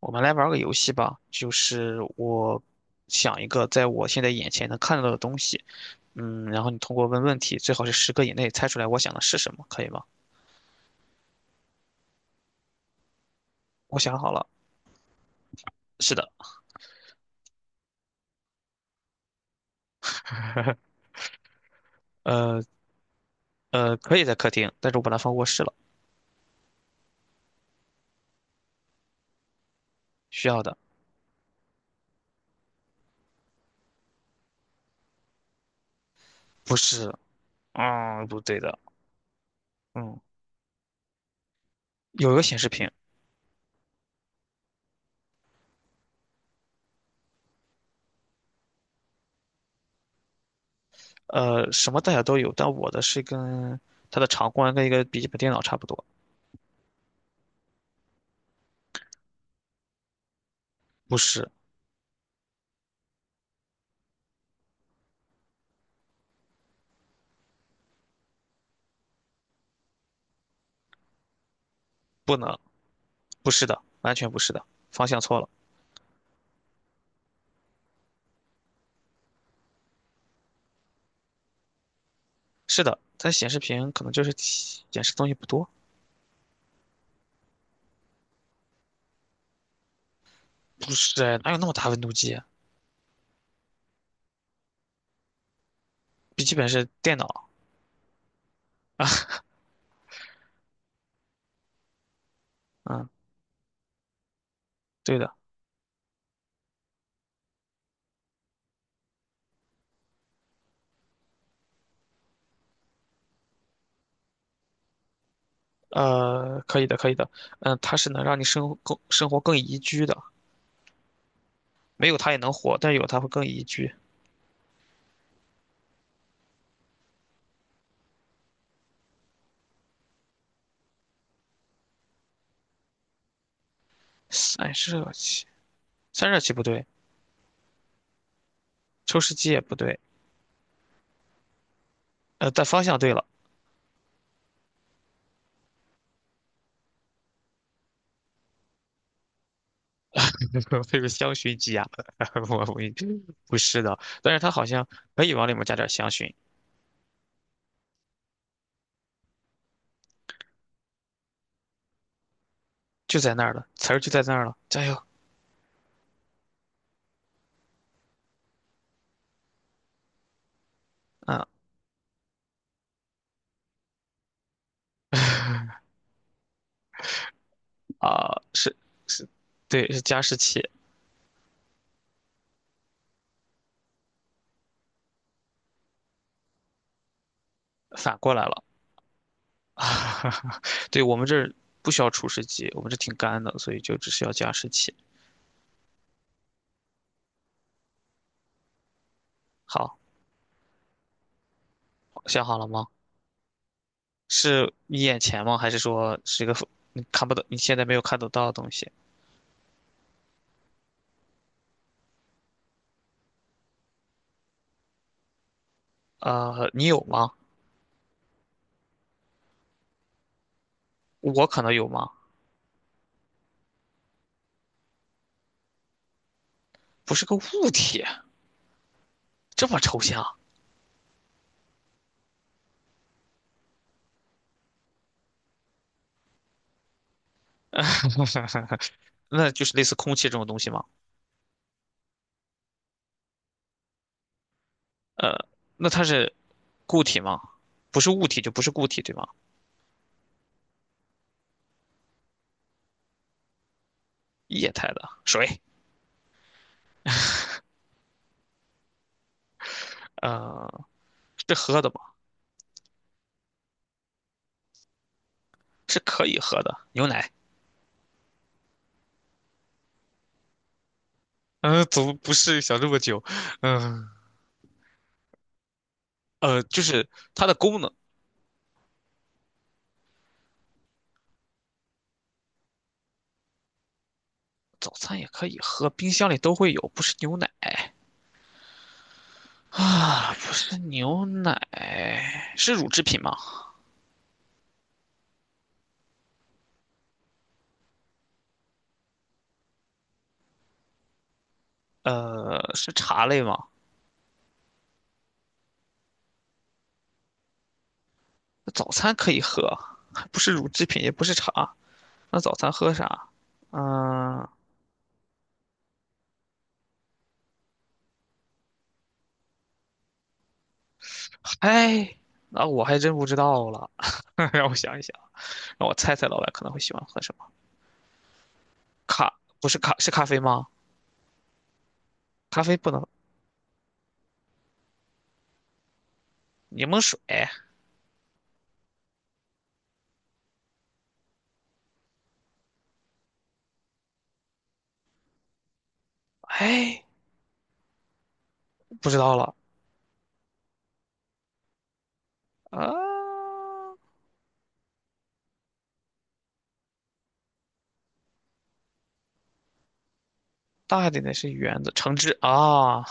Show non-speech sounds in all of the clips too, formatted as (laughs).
我们来玩个游戏吧，就是我想一个在我现在眼前能看到的东西，嗯，然后你通过问问题，最好是十个以内猜出来我想的是什么，可以吗？我想好了，是的，呃，可以在客厅，但是我把它放卧室了，需要的，不是，嗯，不对的。嗯，有一个显示屏。呃，什么大小都有，但我的是跟它的长宽跟一个笔记本电脑差不多。不是。不能，不是的，完全不是的，方向错了。是的，它显示屏可能就是体显示东西不多。不是哎哪有那么大温度计啊？笔记本是电脑。嗯，对的。呃，可以的，可以的，嗯，它是能让你生活更宜居的，没有它也能活，但有它会更宜居。散热器，散热器不对。抽湿机也不对。呃，但方向对了。(laughs) 这个香薰机啊，(laughs) 我不是的，但是它好像可以往里面加点香薰，就在那儿了，词儿就在那儿了，加油。嗯啊，是对，是加湿器，反过来了。(laughs) 对，我们这儿不需要除湿机，我们这挺干的，所以就只需要加湿器。好，想好了吗？是你眼前吗？还是说是一个你看不到，你现在没有看得到的东西？呃，你有吗？我可能有吗？不是个物体。这么抽象。那就是类似空气这种东西吗？呃，那它是固体吗？不是物体就不是固体，对吗？液态的水，呃，是喝的吗？是可以喝的牛奶。嗯，怎么不是想这么久？嗯，呃，就是它的功能。早餐也可以喝，冰箱里都会有，不是牛奶啊，不是牛奶，是乳制品吗？呃，是茶类吗？那早餐可以喝，还不是乳制品，也不是茶，那早餐喝啥？嗯，哎，那我还真不知道了。(laughs) 让我想一想，让我猜猜老板可能会喜欢喝什么？咖，不是咖，是咖啡吗？咖啡不能，柠檬水。哎，不知道了啊。大一点的是圆的，橙汁啊。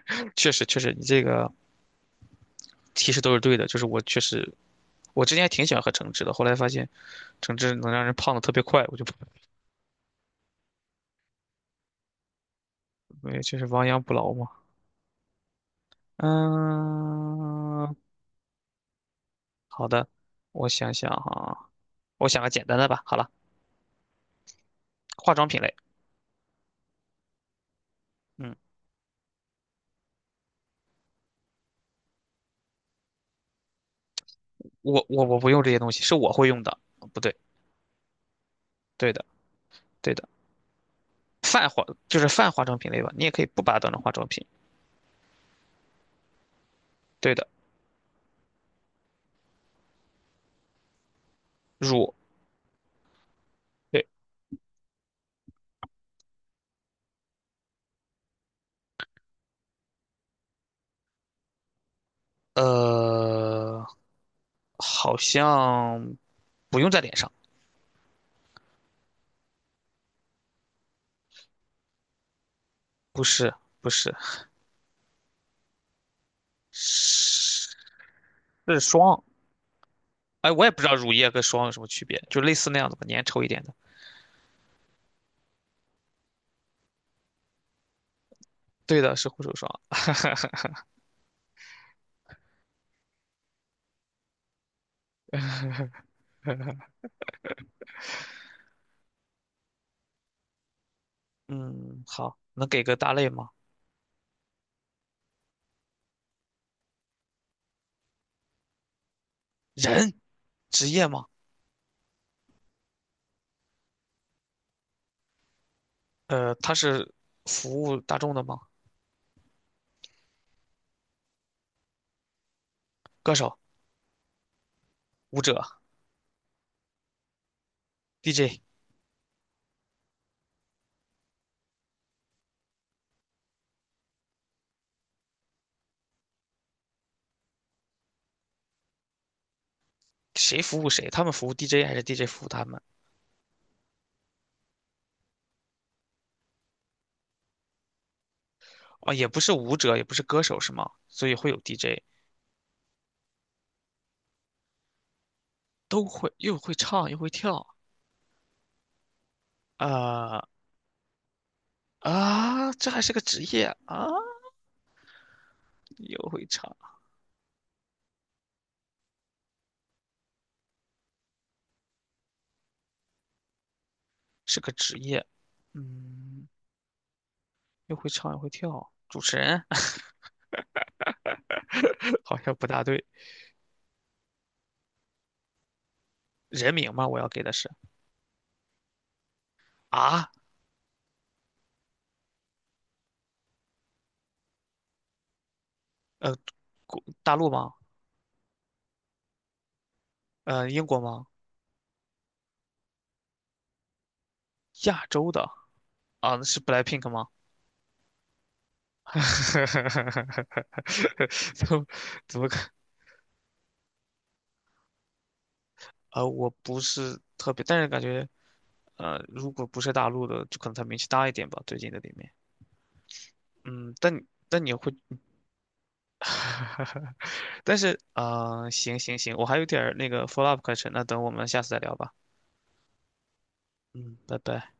(laughs) 确实确实，你这个提示都是对的。就是我确实，我之前还挺喜欢喝橙汁的，后来发现橙汁能让人胖的特别快，我就不，没，就是亡羊补牢嘛。嗯，好的，我想想哈，我想个简单的吧。好了，化妆品类。嗯，我不用这些东西，是我会用的。不对，对的，对的，泛化就是泛化妆品类吧，你也可以不把它当成化妆品。对的，乳，对，呃，好像不用在脸上。不是不是是是霜。哎，我也不知道乳液跟霜有什么区别，就类似那样的吧，粘稠一点的。对的，是护手霜。嗯，好，能给个大类吗？人，职业吗？呃，他是服务大众的吗？歌手、舞者、DJ,谁服务谁？他们服务 DJ 还是 DJ 服务他们？啊，也不是舞者，也不是歌手，是吗？所以会有 DJ,都会，又会唱又会跳。呃。啊，这还是个职业啊！又会唱，是个职业，嗯，又会唱又会跳，主持人 (laughs) 好像不大对。人名吗？我要给的是啊，呃，国大陆吗？呃，英国吗？亚洲的啊，是 BLACKPINK 吗？(laughs) 怎么怎么看？呃，我不是特别，但是感觉呃，如果不是大陆的，就可能他名气大一点吧，最近的里面。嗯，但但你会 (laughs)，但是嗯，行，我还有点儿那个 follow up 课程，那等我们下次再聊吧。嗯，拜拜。